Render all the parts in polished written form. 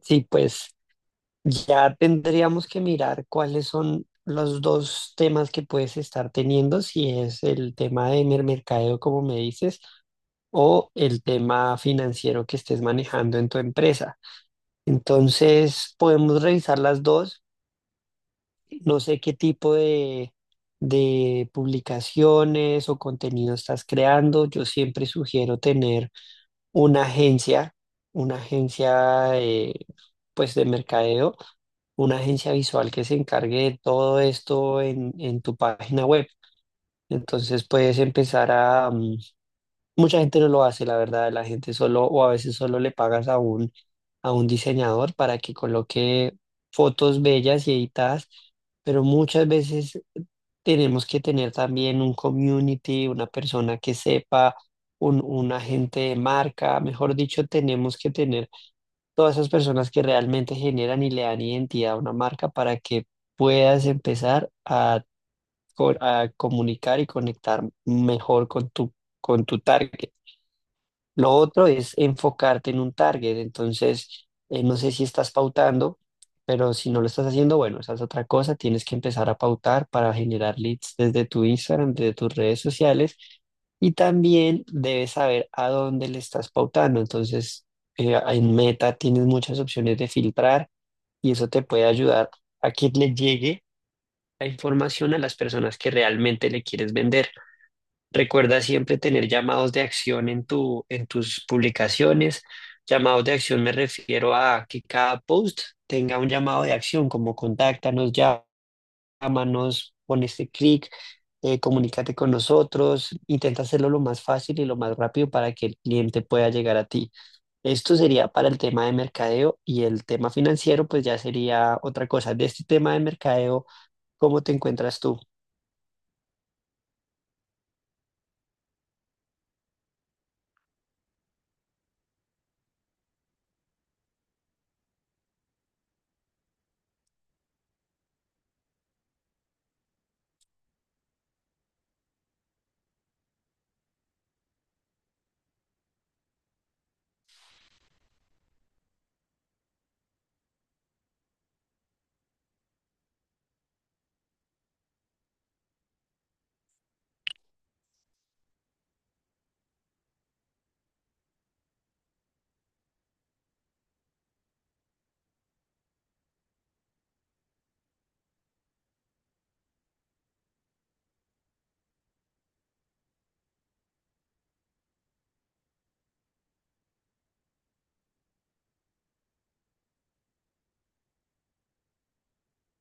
Sí, pues ya tendríamos que mirar cuáles son los dos temas que puedes estar teniendo, si es el tema de mercadeo, como me dices, o el tema financiero que estés manejando en tu empresa. Entonces, podemos revisar las dos. No sé qué tipo de publicaciones o contenido estás creando. Yo siempre sugiero tener una agencia, una agencia pues de mercadeo, una agencia visual que se encargue de todo esto en tu página web. Entonces puedes empezar mucha gente no lo hace, la verdad. La gente solo, o a veces solo le pagas a un diseñador para que coloque fotos bellas y editadas, pero muchas veces tenemos que tener también un community, una persona que sepa, un agente de marca, mejor dicho, tenemos que tener todas esas personas que realmente generan y le dan identidad a una marca para que puedas empezar a, a comunicar y conectar mejor con tu target. Lo otro es enfocarte en un target. Entonces, no sé si estás pautando, pero si no lo estás haciendo, bueno, esa es otra cosa. Tienes que empezar a pautar para generar leads desde tu Instagram, desde tus redes sociales. Y también debes saber a dónde le estás pautando. Entonces, en Meta tienes muchas opciones de filtrar y eso te puede ayudar a que le llegue la información a las personas que realmente le quieres vender. Recuerda siempre tener llamados de acción en tu, en tus publicaciones. Llamados de acción me refiero a que cada post tenga un llamado de acción, como contáctanos, llámanos, pon este clic, comunícate con nosotros. Intenta hacerlo lo más fácil y lo más rápido para que el cliente pueda llegar a ti. Esto sería para el tema de mercadeo y el tema financiero, pues ya sería otra cosa. De este tema de mercadeo, ¿cómo te encuentras tú?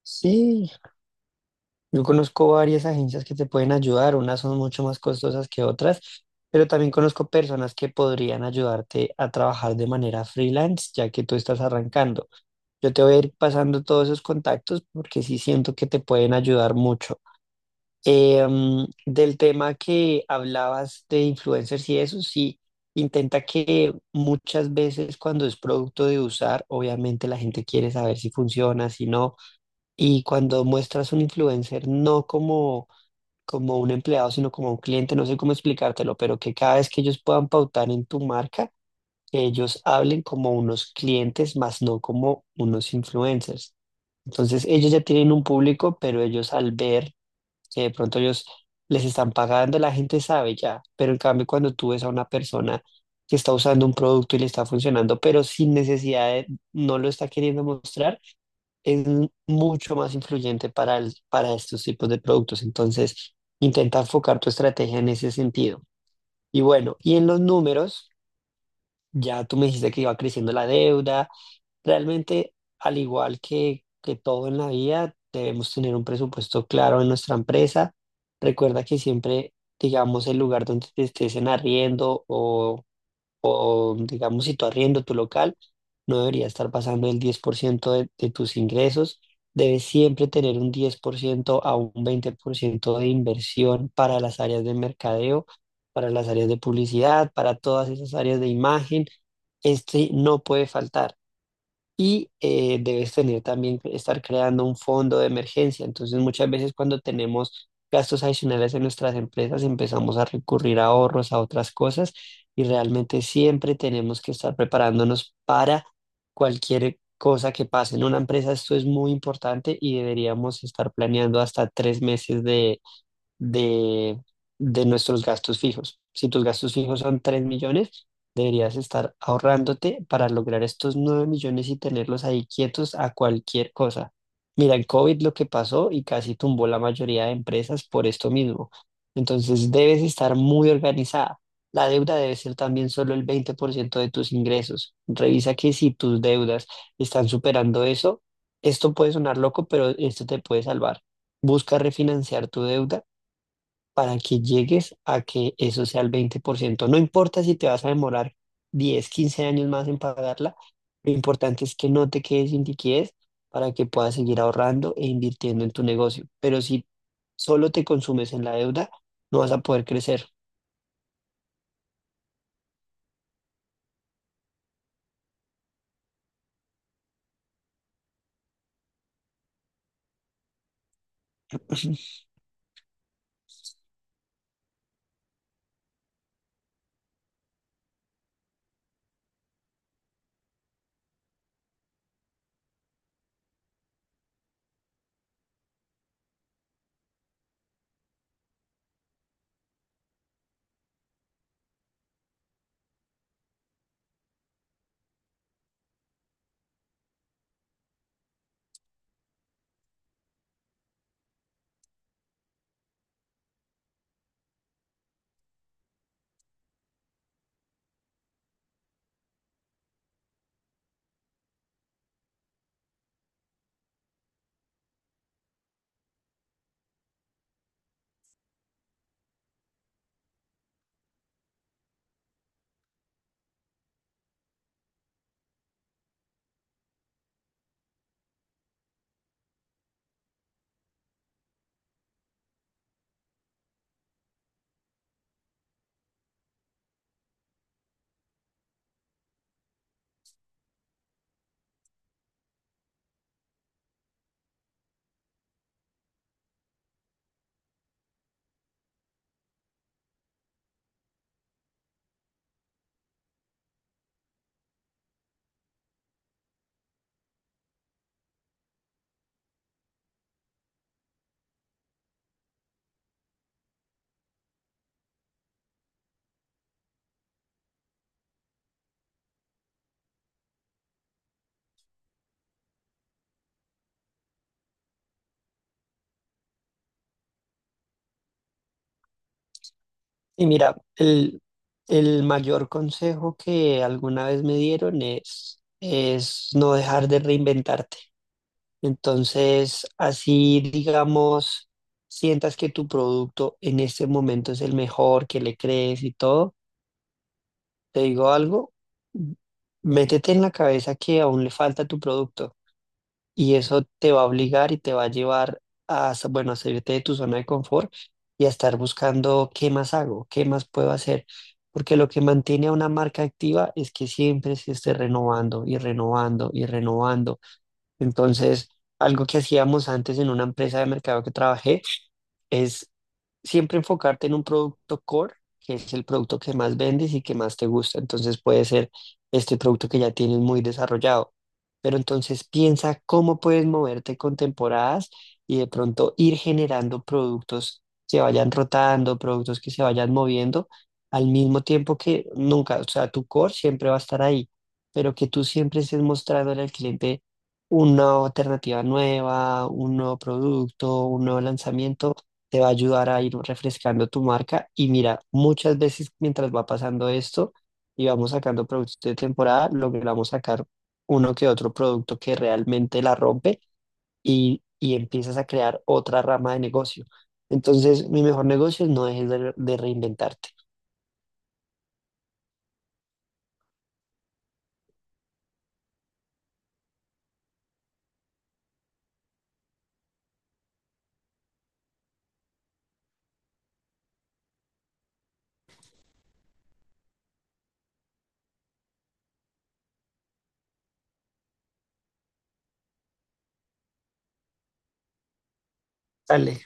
Sí, yo conozco varias agencias que te pueden ayudar, unas son mucho más costosas que otras, pero también conozco personas que podrían ayudarte a trabajar de manera freelance, ya que tú estás arrancando. Yo te voy a ir pasando todos esos contactos porque sí siento que te pueden ayudar mucho. Del tema que hablabas de influencers y eso, sí, intenta que muchas veces cuando es producto de usar, obviamente la gente quiere saber si funciona, si no, y cuando muestras un influencer, no como como un empleado, sino como un cliente, no sé cómo explicártelo, pero que cada vez que ellos puedan pautar en tu marca, que ellos hablen como unos clientes, más no como unos influencers. Entonces, ellos ya tienen un público, pero ellos al ver que de pronto ellos les están pagando, la gente sabe ya, pero en cambio cuando tú ves a una persona que está usando un producto y le está funcionando, pero sin necesidad de, no lo está queriendo mostrar, es mucho más influyente para estos tipos de productos. Entonces, intenta enfocar tu estrategia en ese sentido. Y bueno, y en los números, ya tú me dijiste que iba creciendo la deuda. Realmente, al igual que, todo en la vida, debemos tener un presupuesto claro en nuestra empresa. Recuerda que siempre, digamos, el lugar donde te estés en arriendo o digamos si tú arriendo tu local, no debería estar pasando el 10% de tus ingresos. Debes siempre tener un 10% a un 20% de inversión para las áreas de mercadeo, para las áreas de publicidad, para todas esas áreas de imagen. Este no puede faltar. Y debes tener también que estar creando un fondo de emergencia. Entonces, muchas veces cuando tenemos gastos adicionales en nuestras empresas, empezamos a recurrir a ahorros, a otras cosas, y realmente siempre tenemos que estar preparándonos para cualquier cosa que pase. En una empresa esto es muy importante y deberíamos estar planeando hasta 3 meses de, de nuestros gastos fijos. Si tus gastos fijos son 3 millones, deberías estar ahorrándote para lograr estos 9 millones y tenerlos ahí quietos a cualquier cosa. Mira, el COVID lo que pasó y casi tumbó la mayoría de empresas por esto mismo. Entonces debes estar muy organizada. La deuda debe ser también solo el 20% de tus ingresos. Revisa que si tus deudas están superando eso, esto puede sonar loco, pero esto te puede salvar. Busca refinanciar tu deuda para que llegues a que eso sea el 20%. No importa si te vas a demorar 10, 15 años más en pagarla, lo importante es que no te quedes sin liquidez para que puedas seguir ahorrando e invirtiendo en tu negocio. Pero si solo te consumes en la deuda, no vas a poder crecer. Y mira, el mayor consejo que alguna vez me dieron es no dejar de reinventarte. Entonces, así digamos, sientas que tu producto en este momento es el mejor, que le crees y todo, te digo algo, m- métete en la cabeza que aún le falta a tu producto y eso te va a obligar y te va a llevar a, bueno, a salirte de tu zona de confort y a estar buscando qué más hago, qué más puedo hacer. Porque lo que mantiene a una marca activa es que siempre se esté renovando y renovando y renovando. Entonces, algo que hacíamos antes en una empresa de mercado que trabajé, es siempre enfocarte en un producto core, que es el producto que más vendes y que más te gusta. Entonces puede ser este producto que ya tienes muy desarrollado. Pero entonces piensa cómo puedes moverte con temporadas y de pronto ir generando productos que vayan rotando, productos que se vayan moviendo al mismo tiempo que nunca, o sea, tu core siempre va a estar ahí, pero que tú siempre estés mostrándole al cliente una alternativa nueva, un nuevo producto, un nuevo lanzamiento te va a ayudar a ir refrescando tu marca. Y mira, muchas veces mientras va pasando esto y vamos sacando productos de temporada, logramos sacar uno que otro producto que realmente la rompe y empiezas a crear otra rama de negocio. Entonces, mi mejor negocio es no dejes de reinventarte. Dale.